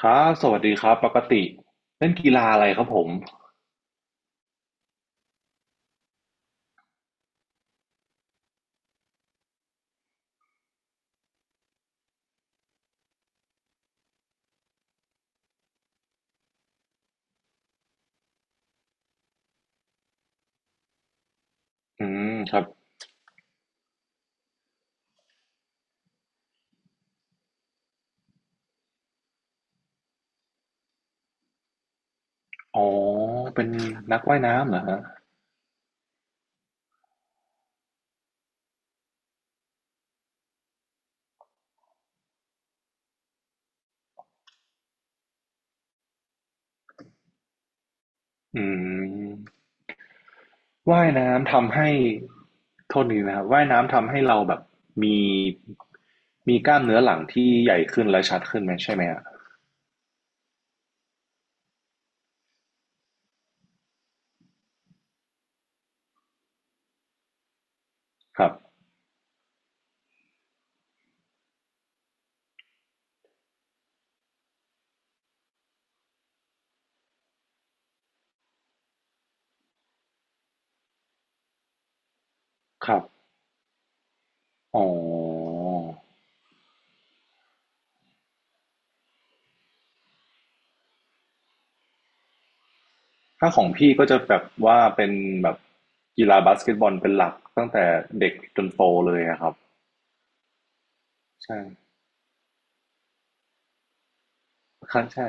ครับสวัสดีครับปกติเล่นกีฬาอะไรครับผมอืมครับอ๋อเป็นนักว่ายน้ำเหรอฮะอืมว่ายน้ำทำให้โทษทีนะครับว่ายน้ำทำให้เราแบบมีมีกล้ามเนื้อหลังที่ใหญ่ขึ้นและชัดขึ้นไหมใช่ไหมอะครับครับอ๋อถ้าของพี่ก็จะแบบว่าเป็นแบบกีฬาบาสเกตบอลเป็นหลักตั้งแต่เด็กจนโตเลยอะครับใช่ครับใช่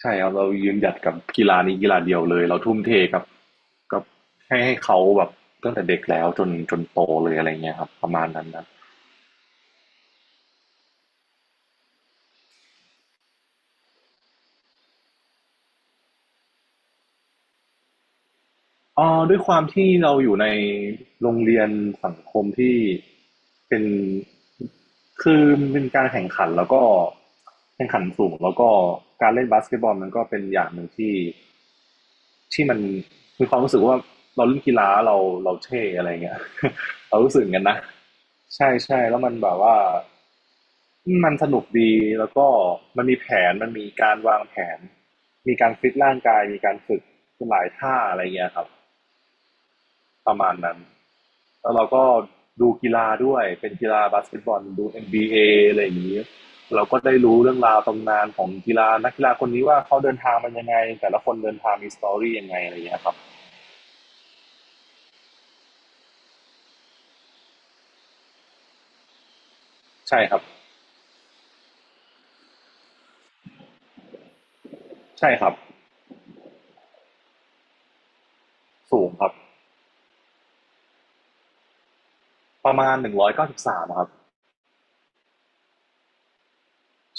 ใช่ครับเรายืนหยัดกับกีฬานี้กีฬาเดียวเลยเราทุ่มเทกับให้เขาแบบตั้งแต่เด็กแล้วจนโตเลยอะไรเงี้ยครับประมาณนั้นนะเอ๋อด้วยความที่เราอยู่ในโรงเรียนสังคมที่เป็นคือมันเป็นการแข่งขันแล้วก็แข่งขันสูงแล้วก็การเล่นบาสเกตบอลมันก็เป็นอย่างหนึ่งที่ที่มันมีความรู้สึกว่าเราเล่นกีฬาเราเท่อะไรเงี้ย เรารู้สึกอย่างนันนะใช่ใช่แล้วมันแบบว่า มันสนุกดีแล้วก็มันมีแผนมันมีการวางแผนมีการฟิตร่างกายมีการฝึกหลายท่าอะไรเงี้ยครับประมาณนั้นแล้วเราก็ดูกีฬาด้วยเป็นกีฬาบาสเกตบอลดูNBAอะไรอย่างนี้เราก็ได้รู้เรื่องราวตำนานของกีฬานักกีฬาคนนี้ว่าเขาเดินทางมันยังไงแต่ละคนเดินทางมีสตอรี่ยังไงอะไรเงี้ยครับใช่ครับใช่ครับสูงครับประมาณ193ครับ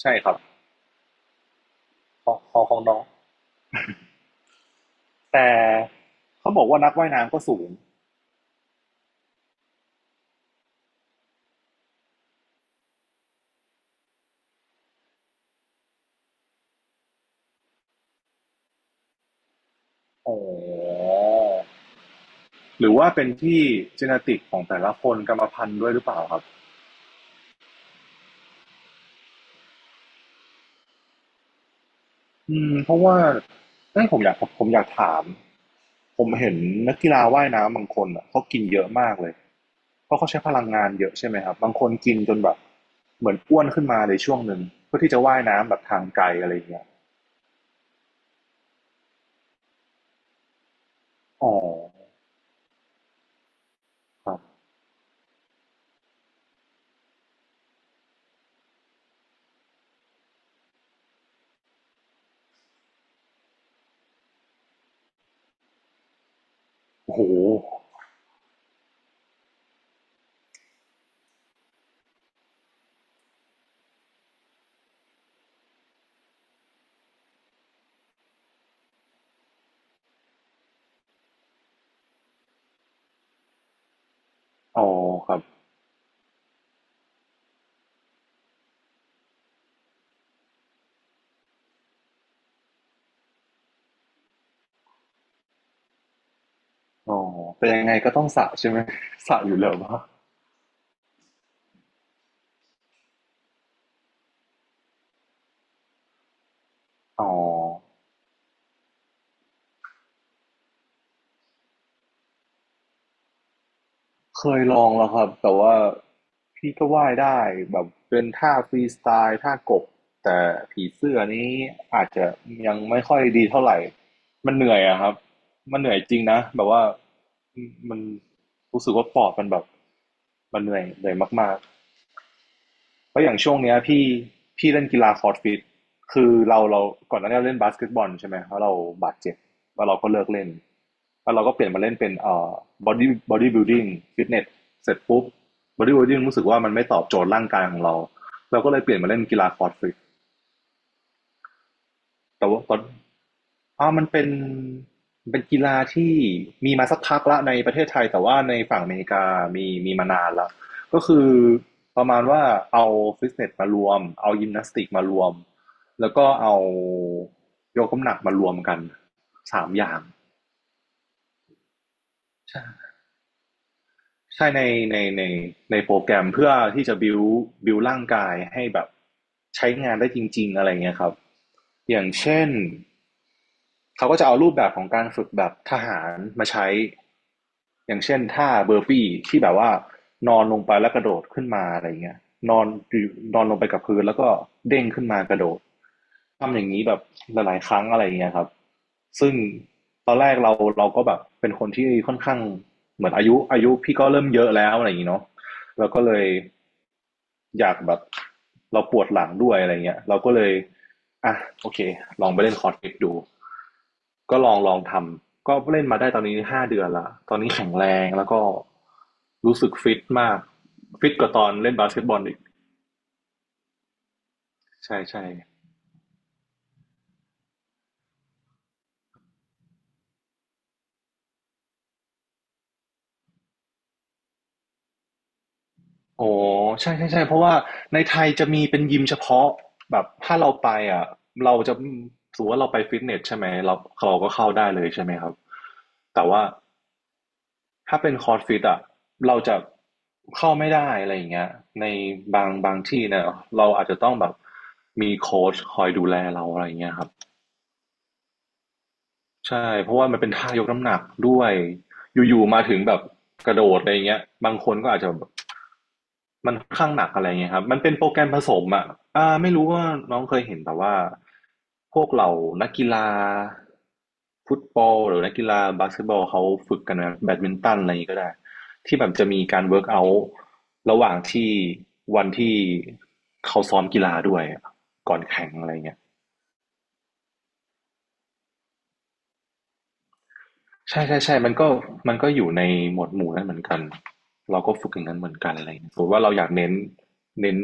ใช่ครับขของน้องแต่เขาบอกว่านักว่ายน้ำก็สูง อ๋อหรือว่าเป็นที่ genetic ของแต่ละคนกรรมพันธุ์ด้วยหรือเปล่าครับอืมเพราะว่าเอ้ยผมอยากถาม ผมเห็นนักกีฬาว่ายน้ำบางคนอ่ะเขากินเยอะมากเลยเพราะเขาใช้พลังงานเยอะใช่ไหมครับบางคนกินจนแบบเหมือนอ้วนขึ้นมาในช่วงหนึ่งเพื่อที่จะว่ายน้ำแบบทางไกลอะไรอย่างเงี้ยอ๋อครับโอ้โหอ๋อครับอ๋อแต่ยังไงก็ต้องสระใช่ไหม สระอยู่แล้วปะอ๋อ เคยลองแล้วครับแต่ว่าพี่ก็ว่ายได้แบบเป็นท่าฟรีสไตล์ท่ากบแต่ผีเสื้อนี้อาจจะยังไม่ค่อยดีเท่าไหร่มันเหนื่อยอะครับมันเหนื่อยจริงนะแบบว่ามันรู้สึกว่าปอดมันแบบมันเหนื่อยมาก แล้วอย่างช่วงเนี้ยพี่เล่นกีฬาคอร์ดฟิตคือเราก่อนหน้านี้เราเล่นบาสเกตบอลใช่ไหมเพราะเราบาดเจ็บแล้วเราก็เลิกเล่นแล้วเราก็เปลี่ยนมาเล่นเป็นบอดี้บิลดิ้งฟิตเนสเสร็จปุ๊บบอดี้บิลดิ้งรู้สึกว่ามันไม่ตอบโจทย์ร่างกายของเราเราก็เลยเปลี่ยนมาเล่นกีฬาคอร์ดฟิตแต่ว่าตอน มันเป็นเป็นกีฬาที่มีมาสักพักแล้วในประเทศไทยแต่ว่าในฝั่งอเมริกามีมานานแล้วก็คือประมาณว่าเอาฟิตเนสมารวมเอายิมนาสติกมารวมแล้วก็เอายกน้ำหนักมารวมกันสามอย่างใช่ใช่ในในในโปรแกรมเพื่อที่จะบิวร่างกายให้แบบใช้งานได้จริงๆอะไรเงี้ยครับอย่างเช่น เขาก็จะเอารูปแบบของการฝึกแบบทหารมาใช้อย่างเช่นท่าเบอร์ปี้ที่แบบว่านอนลงไปแล้วกระโดดขึ้นมาอะไรเงี้ยนอนนอนลงไปกับพื้นแล้วก็เด้งขึ้นมากระโดด ทำอย่างนี้แบบหลายๆครั้งอะไรเงี้ยครับซึ่งตอนแรกเราก็แบบเป็นคนที่ค่อนข้างเหมือนอายุพี่ก็เริ่มเยอะแล้วอะไรอย่างนี้เนาะเราก็เลยอยากแบบเราปวดหลังด้วยอะไรเงี้ยเราก็เลยอ่ะโอเคลองไปเล่นคอร์สฟิตดู ก็ลองทำก็เล่นมาได้ตอนนี้5 เดือนละตอนนี้แข็งแรงแล้วก็รู้สึกฟิตมากฟิตกว่าตอนเล่นบาสเกตบอลอีกใช่ใช่โอ้ใช่ใช่ใช่เพราะว่าในไทยจะมีเป็นยิมเฉพาะแบบถ้าเราไปอ่ะเราจะถือว่าเราไปฟิตเนสใช่ไหมเราเราก็เข้าได้เลยใช่ไหมครับแต่ว่าถ้าเป็นคอร์สฟิตอ่ะเราจะเข้าไม่ได้อะไรอย่างเงี้ยในบางที่เนี่ยเราอาจจะต้องแบบมีโค้ชคอยดูแลเราอะไรอย่างเงี้ยครับ ใช่เพราะว่ามันเป็นท่ายกน้ำหนักด้วยอยู่ๆมาถึงแบบกระโดดอะไรเงี้ยบางคนก็อาจจะแบบมันค่อนข้างหนักอะไรเงี้ยครับมันเป็นโปรแกรมผสมอ่ะไม่รู้ว่าน้องเคยเห็นแต่ว่าพวกเหล่านักกีฬาฟุตบอลหรือนักกีฬาบาสเกตบอลเขาฝึกกันนะแบดมินตันอะไรอย่างงี้ก็ได้ที่แบบจะมีการเวิร์กเอาท์ระหว่างที่วันที่เขาซ้อมกีฬาด้วยอะก่อนแข่งอะไรเงี้ย ใช่ๆๆมันก็มันก็อยู่ในหมวดหมู่นั้นเหมือนกัน เราก็ฝึกอย่างนั้นเหมือนกันอะไรอย่างเงี้ยสมมติว่าเราอยากเน้น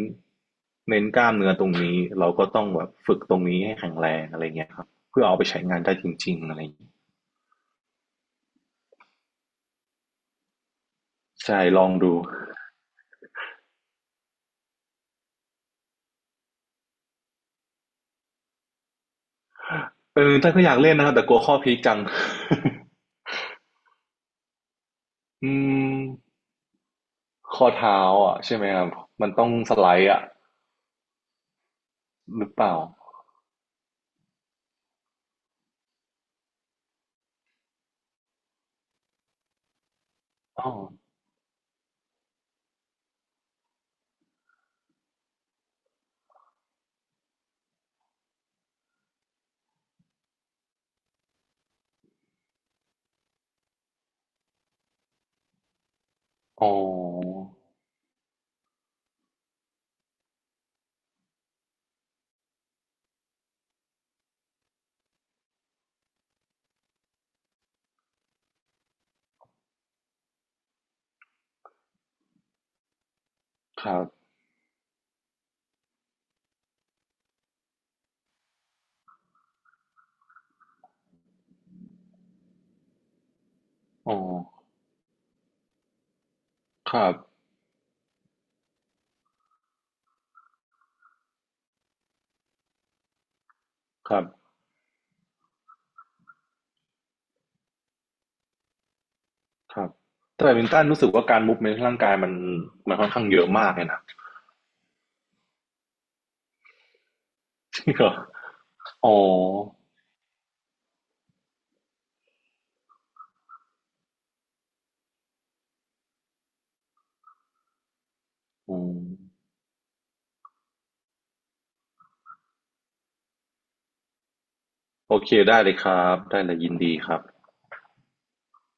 เน้นกล้ามเนื้อตรงนี้เราก็ต้องแบบฝึกตรงนี้ให้แข็งแรงอะไร่เงี้ยครับเพื่อเอาไปใช้งานได้จริงๆอะไรอย่างเงี้ยใช่ลองดูเออแต่ก็อยากเล่นนะครับแต่กลัวข้อพลิจัง อืมข้อเท้าอะใช่ไหมครับมันต้องสไลด์อะหรือเปล่าอ๋ออ๋อครับอ๋อครับครับ ครับแต่แบดมินตันรู้สึกว่าการมูฟเมนต์ร่างกายมันค่อนข้างเยอะมากเลยนะ จริงเหรออ๋ออืมโอเคได้เลยครับ ได้เลยยินดีครับ